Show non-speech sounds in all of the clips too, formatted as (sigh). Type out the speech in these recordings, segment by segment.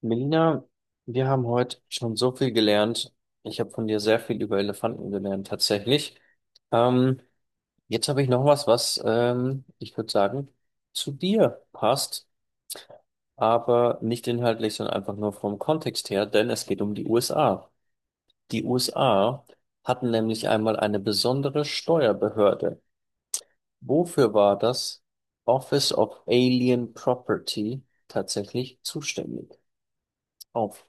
Melina, wir haben heute schon so viel gelernt. Ich habe von dir sehr viel über Elefanten gelernt, tatsächlich. Ähm, Jetzt habe ich noch was, was ich würde sagen, zu dir passt, aber nicht inhaltlich, sondern einfach nur vom Kontext her, denn es geht um die USA. Die USA hatten nämlich einmal eine besondere Steuerbehörde. Wofür war das Office of Alien Property tatsächlich zuständig? Auf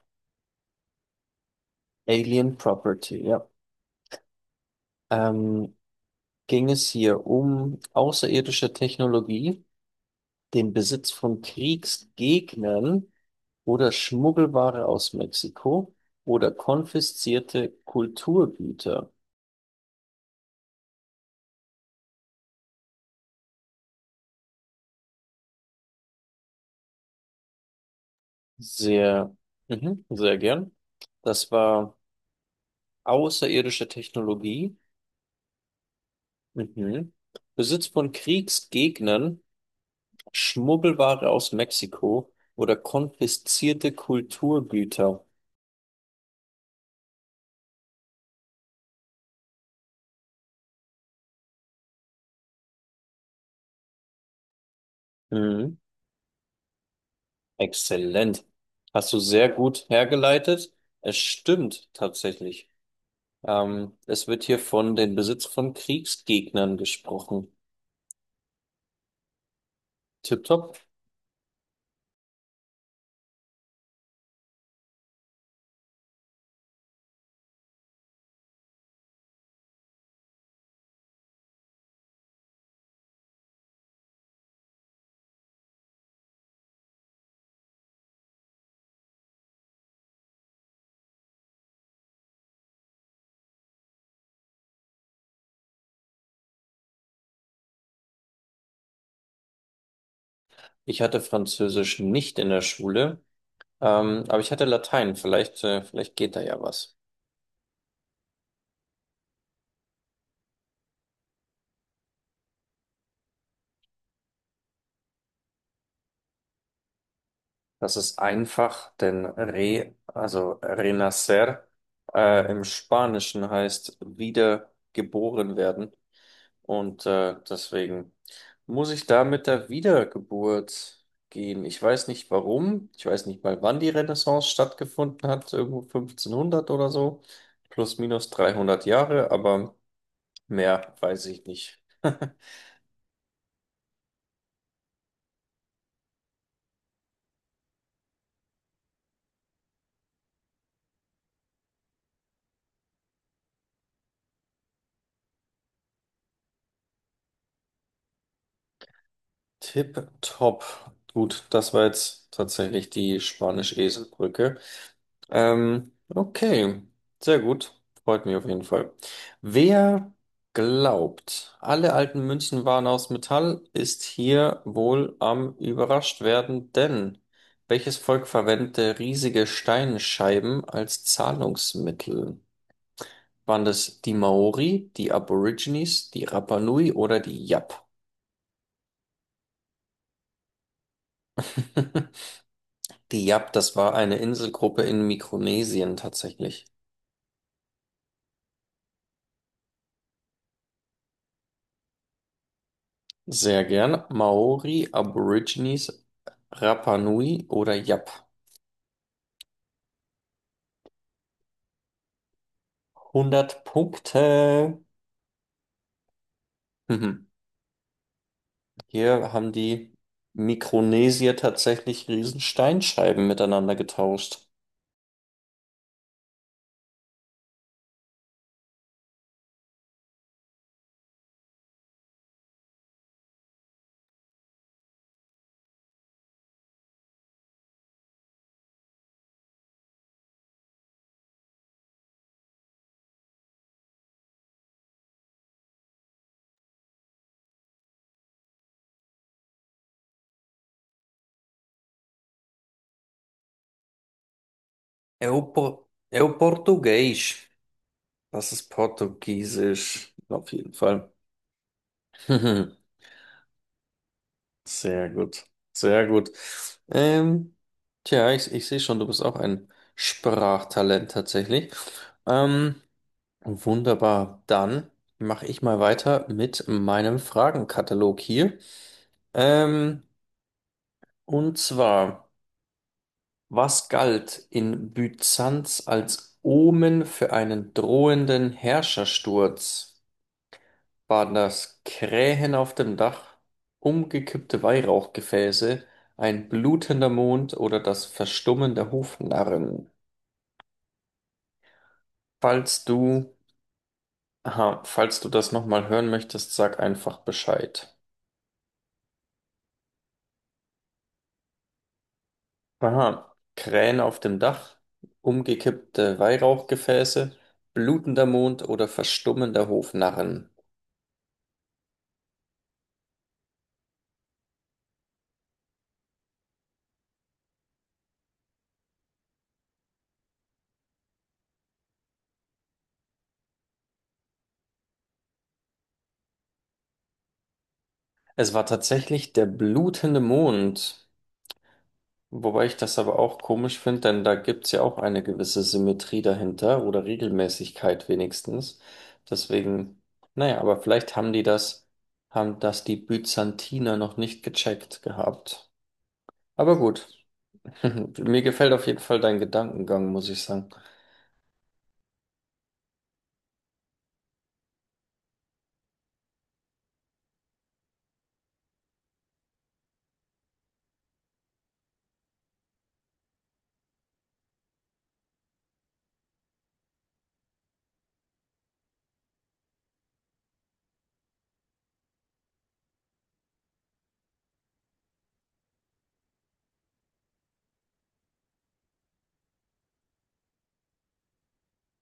Alien Property, ja. ähm, Ging es hier um außerirdische Technologie, den Besitz von Kriegsgegnern oder Schmuggelware aus Mexiko oder konfiszierte Kulturgüter? Sehr, mhm, sehr gern. Das war außerirdische Technologie, mhm. Besitz von Kriegsgegnern, Schmuggelware aus Mexiko oder konfiszierte Kulturgüter. Mhm. Exzellent. Hast du sehr gut hergeleitet. Es stimmt tatsächlich. Es wird hier von den Besitz von Kriegsgegnern gesprochen. Tipptopp. Ich hatte Französisch nicht in der Schule, aber ich hatte Latein. Vielleicht, vielleicht geht da ja was. Das ist einfach, denn re, also renacer, im Spanischen heißt wieder geboren werden. Und deswegen muss ich da mit der Wiedergeburt gehen. Ich weiß nicht warum. Ich weiß nicht mal, wann die Renaissance stattgefunden hat. Irgendwo 1500 oder so. Plus minus 300 Jahre, aber mehr weiß ich nicht. (laughs) Tipptopp. Gut, das war jetzt tatsächlich die Spanisch-Esel-Brücke. Okay, sehr gut. Freut mich auf jeden Fall. Wer glaubt, alle alten Münzen waren aus Metall, ist hier wohl am überrascht werden, denn welches Volk verwendete riesige Steinscheiben als Zahlungsmittel? Waren das die Maori, die Aborigines, die Rapa Nui oder die Yap? (laughs) Die Yap, das war eine Inselgruppe in Mikronesien tatsächlich. Sehr gern. Maori, Aborigines, Rapa Nui oder Yap. Hundert Punkte. Mhm. Hier haben die Mikronesier tatsächlich riesen Steinscheiben miteinander getauscht. É o, Por- é o Português. Das ist Portugiesisch. Auf jeden Fall. (laughs) Mhm. Sehr gut. Sehr gut. Ähm, Tja, ich sehe schon, du bist auch ein Sprachtalent tatsächlich. Ähm, Wunderbar. Dann mache ich mal weiter mit meinem Fragenkatalog hier. Ähm, und zwar, was galt in Byzanz als Omen für einen drohenden Herrschersturz? Waren das Krähen auf dem Dach, umgekippte Weihrauchgefäße, ein blutender Mond oder das Verstummen der Hofnarren? Falls du, aha, falls du das nochmal hören möchtest, sag einfach Bescheid. Aha, Krähen auf dem Dach, umgekippte Weihrauchgefäße, blutender Mond oder verstummender Hofnarren. Es war tatsächlich der blutende Mond, wobei ich das aber auch komisch finde, denn da gibt's ja auch eine gewisse Symmetrie dahinter oder Regelmäßigkeit wenigstens. Deswegen, naja, aber vielleicht haben die das, haben das die Byzantiner noch nicht gecheckt gehabt. Aber gut, (laughs) mir gefällt auf jeden Fall dein Gedankengang, muss ich sagen.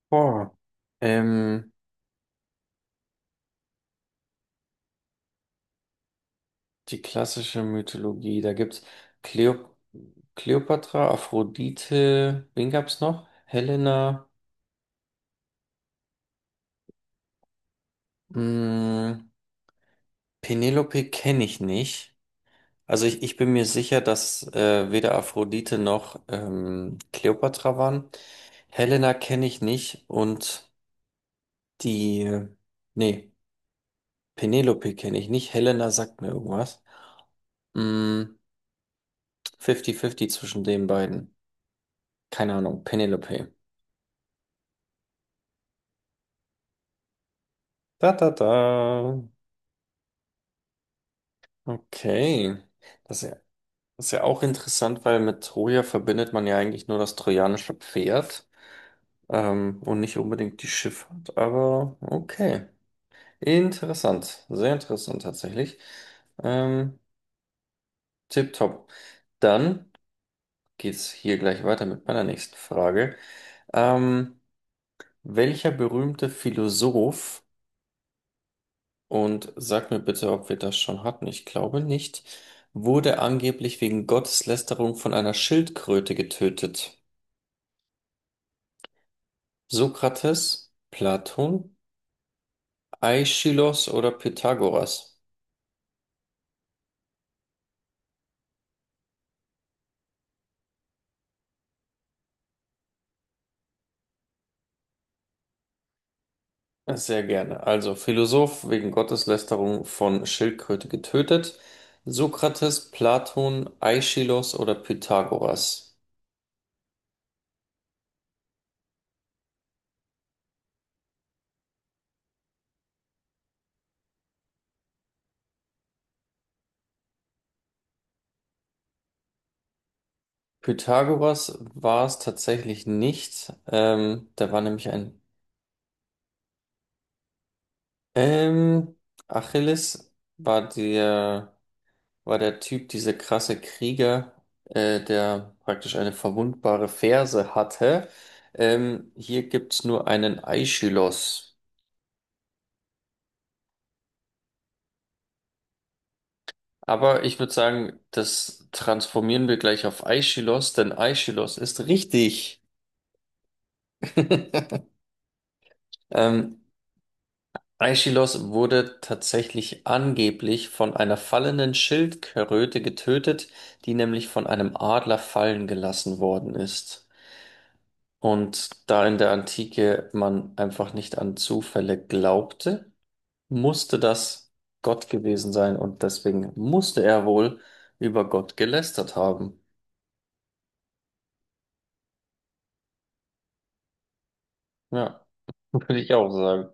Boah. Ähm, Die klassische Mythologie, da gibt's Cleo Kleopatra, Aphrodite, wen gab's noch? Helena, mh, Penelope kenne ich nicht. Also ich bin mir sicher, dass weder Aphrodite noch Kleopatra waren. Helena kenne ich nicht und die, nee, Penelope kenne ich nicht. Helena sagt mir irgendwas. Mh, 50-50 zwischen den beiden. Keine Ahnung, Penelope. Da, da, da. Okay. Das ist ja, das ist ja auch interessant, weil mit Troja verbindet man ja eigentlich nur das trojanische Pferd, und nicht unbedingt die Schifffahrt, aber okay. Interessant. Sehr interessant tatsächlich. Ähm, Tipptopp. Dann geht's hier gleich weiter mit meiner nächsten Frage. Ähm, Welcher berühmte Philosoph. Und sag mir bitte, ob wir das schon hatten. Ich glaube nicht. Wurde angeblich wegen Gotteslästerung von einer Schildkröte getötet. Sokrates, Platon, Aeschylus oder Pythagoras? Sehr gerne. Also Philosoph wegen Gotteslästerung von Schildkröte getötet. Sokrates, Platon, Aeschylus oder Pythagoras? Pythagoras war es tatsächlich nicht. Der war nämlich ein. Ähm, Achilles war der, war der Typ, dieser krasse Krieger, der praktisch eine verwundbare Ferse hatte. Hier gibt's nur einen Aeschylus. Aber ich würde sagen, das transformieren wir gleich auf Aeschylus, denn Aeschylus ist richtig. (laughs) Ähm, Aeschylus wurde tatsächlich angeblich von einer fallenden Schildkröte getötet, die nämlich von einem Adler fallen gelassen worden ist. Und da in der Antike man einfach nicht an Zufälle glaubte, musste das Gott gewesen sein und deswegen musste er wohl über Gott gelästert haben. Ja, (laughs) würde ich auch sagen.